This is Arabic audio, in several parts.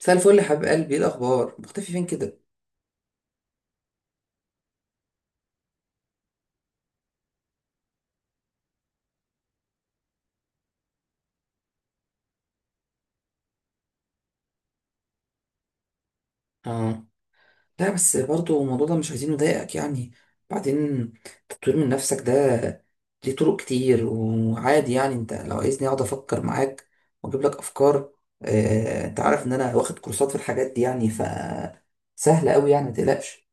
مساء الفل يا حبيب قلبي، ايه الاخبار؟ مختفي فين كده؟ اه لا بس برضو الموضوع ده مش عايزين نضايقك يعني. بعدين تطوير من نفسك ده ليه طرق كتير وعادي، يعني انت لو عايزني اقعد افكر معاك واجيب لك افكار. انت عارف ان انا واخد كورسات في الحاجات دي، يعني سهله قوي، يعني ما تقلقش.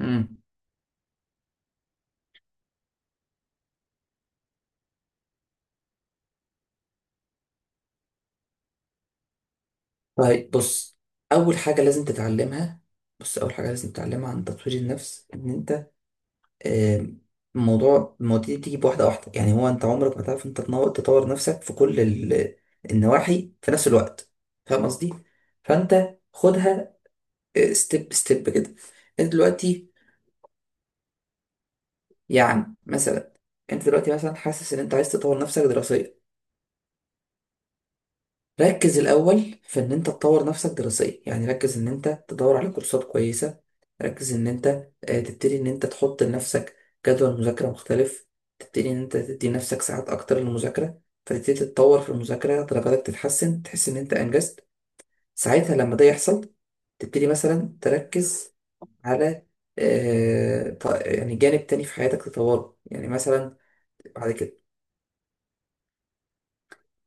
امم طيب بص، اول حاجه لازم تتعلمها. بص، اول حاجه لازم تتعلمها عن تطوير النفس ان انت، آم، المواضيع دي بتيجي بواحدة واحدة. يعني هو انت عمرك ما تعرف انت تطور نفسك في كل النواحي في نفس الوقت. فاهم قصدي؟ فانت خدها ستيب ستيب كده. انت دلوقتي، يعني مثلا، انت دلوقتي مثلا حاسس ان انت عايز تطور نفسك دراسيا. ركز الأول في إن أنت تطور نفسك دراسيا، يعني ركز إن أنت تدور على كورسات كويسة، ركز إن أنت تبتدي إن أنت تحط لنفسك جدول مذاكرة مختلف، تبتدي إن أنت تدي نفسك ساعات أكتر للمذاكرة، فتبتدي تتطور في المذاكرة، درجاتك تتحسن، تحس إن أنت أنجزت. ساعتها لما ده يحصل، تبتدي مثلا تركز على يعني جانب تاني في حياتك تطوره، يعني مثلا بعد كده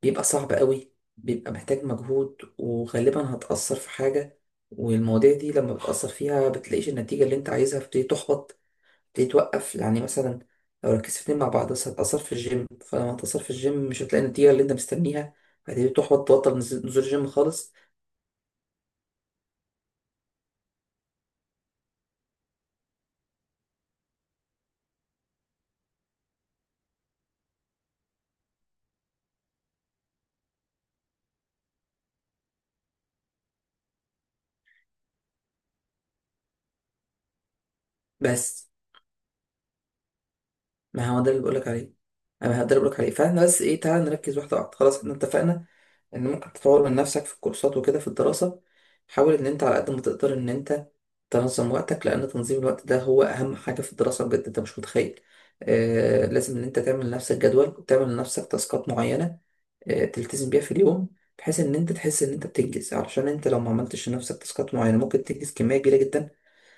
بيبقى صعب قوي، بيبقى محتاج مجهود وغالبا هتأثر في حاجة، والمواضيع دي لما بتأثر فيها بتلاقيش النتيجة اللي انت عايزها، بتبتدي تحبط، بتبتدي توقف. يعني مثلا لو ركزت اتنين مع بعض، بس هتأثر في الجيم، فلما هتأثر في الجيم مش هتلاقي النتيجة اللي انت مستنيها، هتبتدي تحبط، تبطل نزول الجيم خالص. بس ما هو ده اللي بقولك عليه، انا ده اللي بقولك عليه. فاحنا بس ايه، تعالى نركز واحدة واحدة. خلاص احنا اتفقنا ان ممكن تطور من نفسك في الكورسات وكده في الدراسة. حاول ان انت على قد ما تقدر ان انت تنظم وقتك، لان تنظيم الوقت ده هو اهم حاجة في الدراسة بجد، انت مش متخيل. آه، لازم ان انت تعمل لنفسك جدول، وتعمل لنفسك تاسكات معينة، آه، تلتزم بيها في اليوم، بحيث ان انت تحس ان انت بتنجز. علشان انت لو ما عملتش لنفسك تاسكات معينة، ممكن تنجز كمية كبيرة جدا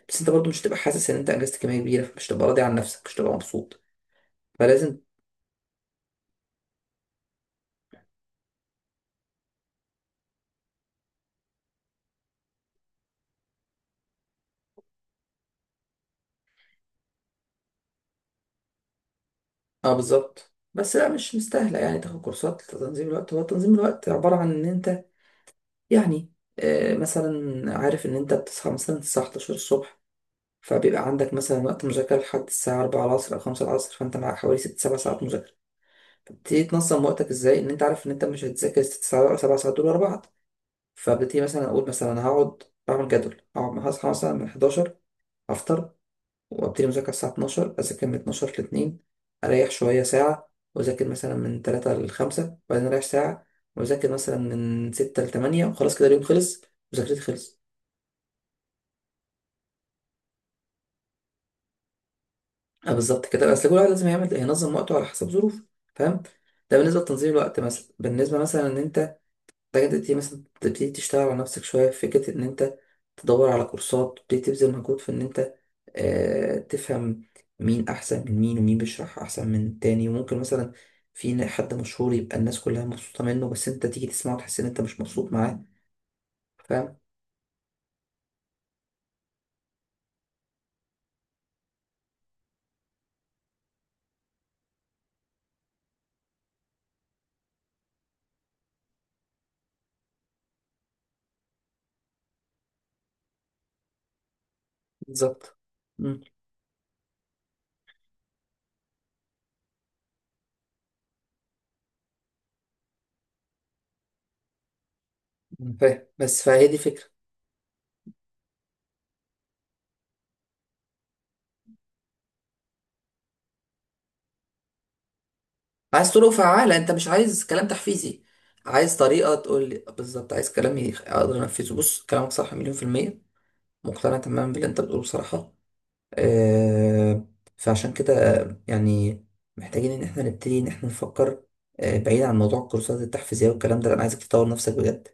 بس انت برضو مش هتبقى حاسس ان انت انجزت كمية كبيرة، فمش هتبقى راضي عن نفسك، مش هتبقى مبسوط. فلازم. اه بالظبط، بس لا مش مستاهلة يعني تاخد كورسات لتنظيم الوقت. هو تنظيم الوقت عبارة عن ان انت، يعني مثلا عارف ان انت بتصحى مثلا الساعة 11 الصبح، فبيبقى عندك مثلا وقت مذاكرة لحد الساعة 4 العصر او 5 العصر، فانت معاك حوالي 6 7 ساعات مذاكرة. فبتبتدي تنظم وقتك ازاي. ان انت عارف ان انت مش هتذاكر 6 ساعات ولا 7 ساعات دول ورا بعض، فببتدي مثلا اقول مثلا هقعد اعمل جدول. هقعد هصحى مثلا من 11، افطر، وابتدي مذاكرة الساعة 12، اذاكر من 12 ل 2، اريح شوية ساعة، واذاكر مثلا من 3 ل 5، وبعدين اريح ساعة، واذاكر مثلا من 6 ل 8، وخلاص كده اليوم خلص، مذاكرتي خلصت. آه، بالظبط كده، اصل كل واحد لازم ينظم وقته على حسب ظروفه، فاهم؟ ده بالنسبه لتنظيم الوقت. مثلا بالنسبه مثلا ان انت محتاج تبتدي تشتغل على نفسك شويه، في فكره ان انت تدور على كورسات، تبتدي تبذل مجهود في ان انت آه تفهم مين احسن من مين، ومين بيشرح احسن من التاني. وممكن مثلا في حد مشهور يبقى الناس كلها مبسوطه منه، بس انت تيجي تسمعه وتحس ان انت مش مبسوط معاه، فاهم؟ بالظبط. مم. مم. فاهم، بس فهي دي فكره. عايز طرق فعالة، انت مش عايز كلام تحفيزي. عايز طريقة تقول لي بالظبط، عايز كلام اقدر انفذه. بص، كلامك صح 100%، مقتنع تماما باللي انت بتقوله بصراحة. أه، فعشان كده، يعني محتاجين ان احنا نبتدي ان احنا نفكر أه بعيد عن موضوع الكورسات التحفيزية والكلام ده، لأ، انا عايزك تطور نفسك بجد.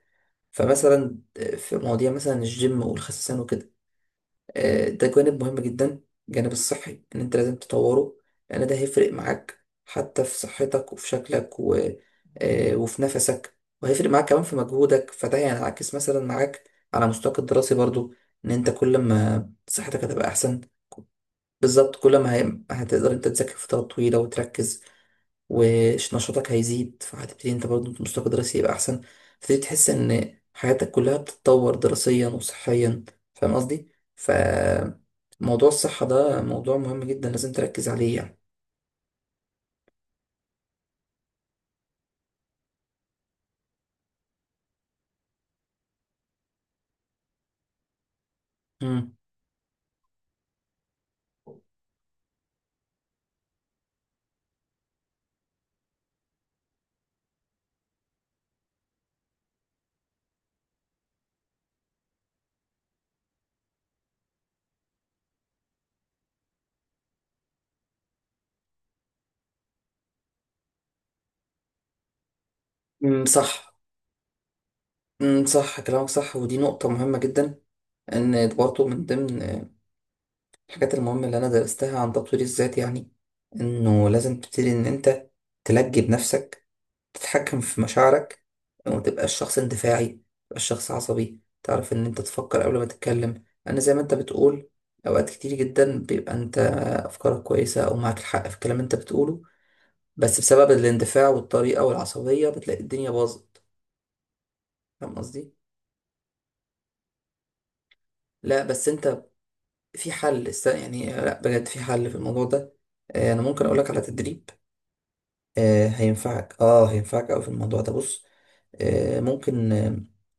فمثلا آه، في مواضيع مثلا الجيم والخسسان وكده، آه، ده جانب مهم جدا، الجانب الصحي ان انت لازم تطوره، لان ده هيفرق معاك حتى في صحتك وفي شكلك و... آه، وفي نفسك، وهيفرق معاك كمان في مجهودك، فده هينعكس مثلا معاك على مستواك الدراسي برضو. ان انت كل ما صحتك هتبقى احسن، بالظبط، كل ما هي... هتقدر انت تذاكر فترات طويلة وتركز، ونشاطك هيزيد، فهتبتدي انت برضه مستواك الدراسي يبقى احسن، فتبتدي تحس ان حياتك كلها بتتطور دراسيا وصحيا، فاهم قصدي؟ ف موضوع الصحة ده موضوع مهم جدا لازم تركز عليه يعني. مم. مم، صح. مم، صح، كلامك صح، ودي نقطة مهمة جدا. ان برضه من ضمن آه، الحاجات المهمة اللي انا درستها عن تطوير الذات يعني، انه لازم تبتدي ان انت تلجي بنفسك، تتحكم في مشاعرك، وما تبقاش شخص اندفاعي، ما تبقاش شخص عصبي، تعرف ان انت تفكر قبل ما تتكلم، لان زي ما انت بتقول، اوقات كتير جدا بيبقى انت افكارك كويسة او معاك الحق في الكلام اللي انت بتقوله، بس بسبب الاندفاع والطريقة والعصبية بتلاقي الدنيا باظت. فاهم قصدي؟ لا بس انت، في يعني لا، بجد في حل في الموضوع ده. آه، انا ممكن اقولك على تدريب، آه، هينفعك، اه هينفعك اوي في الموضوع ده. بص، آه، ممكن آه،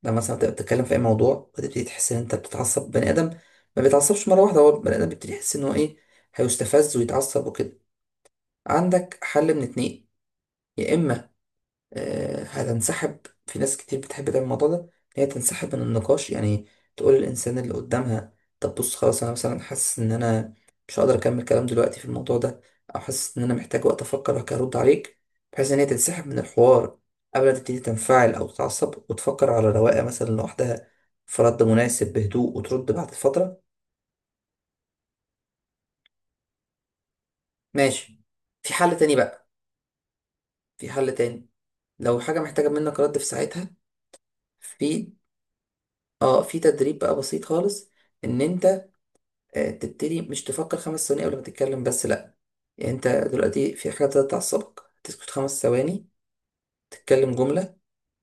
لما مثلا تبقى بتتكلم في اي موضوع وتبتدي تحس ان انت بتتعصب، بني ادم ما بيتعصبش مره واحده، هو بني ادم بيبتدي يحس ان هو ايه، هيستفز ويتعصب وكده. عندك حل من اتنين، يا اما آه، هتنسحب، في ناس كتير بتحب تعمل الموضوع ده، إن هي تنسحب من النقاش، يعني تقول للإنسان اللي قدامها طب بص خلاص، أنا مثلا حاسس إن أنا مش هقدر أكمل كلام دلوقتي في الموضوع ده، أو حاسس إن أنا محتاج وقت أفكر هرد عليك، بحيث إن هي تنسحب من الحوار قبل ما تبتدي تنفعل أو تتعصب، وتفكر على رواقة مثلا لوحدها في رد مناسب بهدوء، وترد بعد فترة. ماشي. في حل تاني بقى، في حل تاني. لو حاجة محتاجة منك رد في ساعتها، في اه في تدريب بقى بسيط خالص، ان انت آه، تبتدي مش تفكر 5 ثواني قبل ما تتكلم بس، لأ، يعني أنت دلوقتي في حاجة ابتدت تعصبك، تسكت 5 ثواني، تتكلم جملة،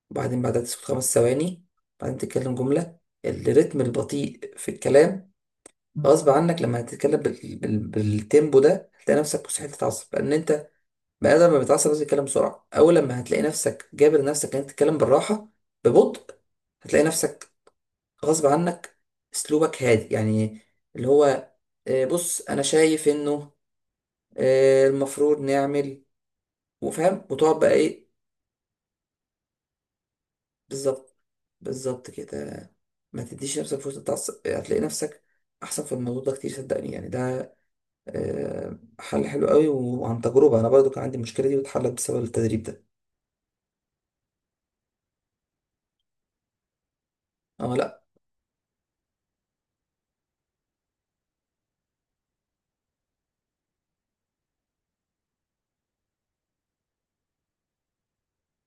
وبعدين بعدها تسكت 5 ثواني، بعدين تتكلم جملة. الريتم البطيء في الكلام غصب عنك، لما هتتكلم بالتيمبو ده هتلاقي نفسك مستحيل تتعصب، لأن أنت بني آدم لما بيتعصب لازم يتكلم بسرعة. أول لما هتلاقي نفسك جابر نفسك إن أنت تتكلم بالراحة ببطء، هتلاقي نفسك غصب عنك أسلوبك هادي، يعني اللي هو آه، بص أنا شايف إنه آه، المفروض نعمل وفاهم وتقعد بقى ايه. بالظبط، بالظبط كده. ما تديش نفسك فرصة تعصب، هتلاقي نفسك احسن في الموضوع ده كتير، صدقني يعني. ده آه، حل حلو قوي وعن تجربة، انا برضو كان عندي المشكلة دي واتحلت بسبب التدريب ده. اه لا.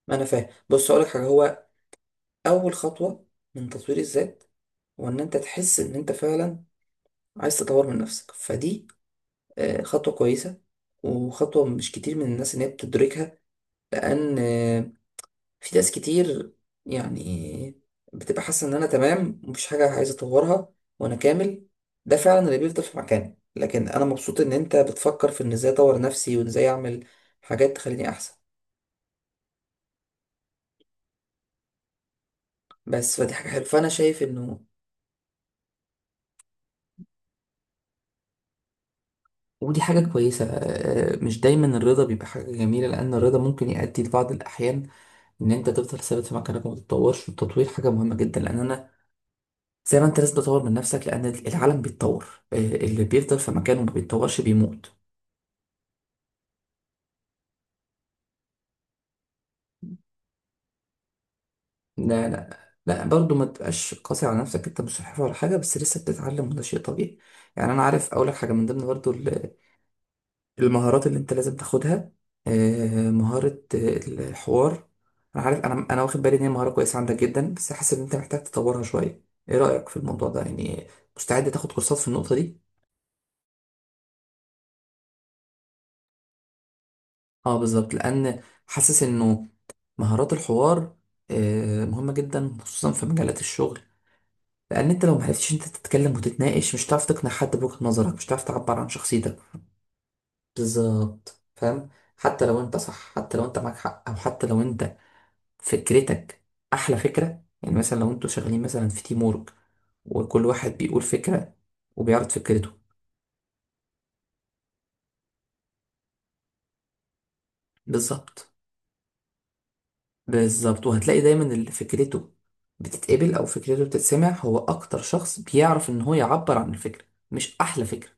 ما انا فاهم، بص اقول لك حاجة، هو اول خطوة من تطوير الذات هو ان انت تحس ان انت فعلا عايز تطور من نفسك، فدي آه، خطوة كويسة، وخطوة مش كتير من الناس ان هي بتدركها، لان آه، في ناس كتير يعني بتبقى حاسة إن أنا تمام، مفيش حاجة عايز أطورها وأنا كامل، ده فعلا اللي بيفضل في مكانه. لكن أنا مبسوط إن أنت بتفكر في إن إزاي أطور نفسي، وإن إزاي أعمل حاجات تخليني أحسن. بس فدي حاجة حلوة، فأنا شايف إنه ودي حاجة كويسة. آه، آه، مش دايما الرضا بيبقى حاجة جميلة، لأن الرضا ممكن يؤدي في بعض الأحيان إن أنت تفضل ثابت في مكانك وما تتطورش، والتطوير حاجة مهمة جدا، لأن أنا زي ما أنت لازم تطور من نفسك لأن العالم بيتطور. آه، اللي بيفضل في مكانه وما بيتطورش بيموت. لا، لا برضه ما تبقاش قاسي على نفسك، انت مش صحفي ولا حاجه، بس لسه بتتعلم وده شيء طبيعي يعني. انا عارف، اقول لك حاجه من ضمن برضه المهارات اللي انت لازم تاخدها، آه، مهاره آه، الحوار. انا عارف، انا واخد بالي ان هي مهاره كويسه عندك جدا، بس حاسس ان انت محتاج تطورها شويه. ايه رايك في الموضوع ده يعني؟ مستعد تاخد كورسات في النقطه دي؟ اه بالظبط، لان حاسس انه مهارات الحوار آه، مهمه جدا خصوصا في مجالات الشغل، لان انت لو معرفتش انت تتكلم وتتناقش مش هتعرف تقنع حد بوجهة نظرك، مش هتعرف تعبر عن شخصيتك. بالظبط، فاهم. حتى لو انت صح، حتى لو انت معاك حق، او حتى لو انت فكرتك احلى فكرة. يعني مثلا لو انتوا شغالين مثلا في تيم وورك، وكل واحد بيقول فكرة وبيعرض فكرته. بالظبط، بالظبط، وهتلاقي دايما اللي فكرته بتتقبل او فكرته بتتسمع هو اكتر شخص بيعرف ان هو يعبر عن الفكرة، مش احلى فكرة.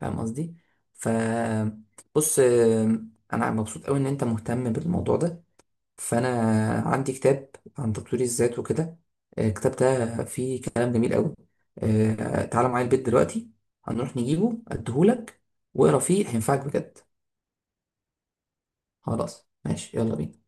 فاهم قصدي؟ ف بص آم، انا مبسوط قوي ان انت مهتم بالموضوع ده. فانا عندي كتاب عن تطوير الذات وكده، آه، الكتاب ده فيه كلام جميل قوي. آه، تعالى معايا البيت دلوقتي، هنروح نجيبه اديهولك واقرا فيه، هينفعك بجد. خلاص ماشي، يلا بينا.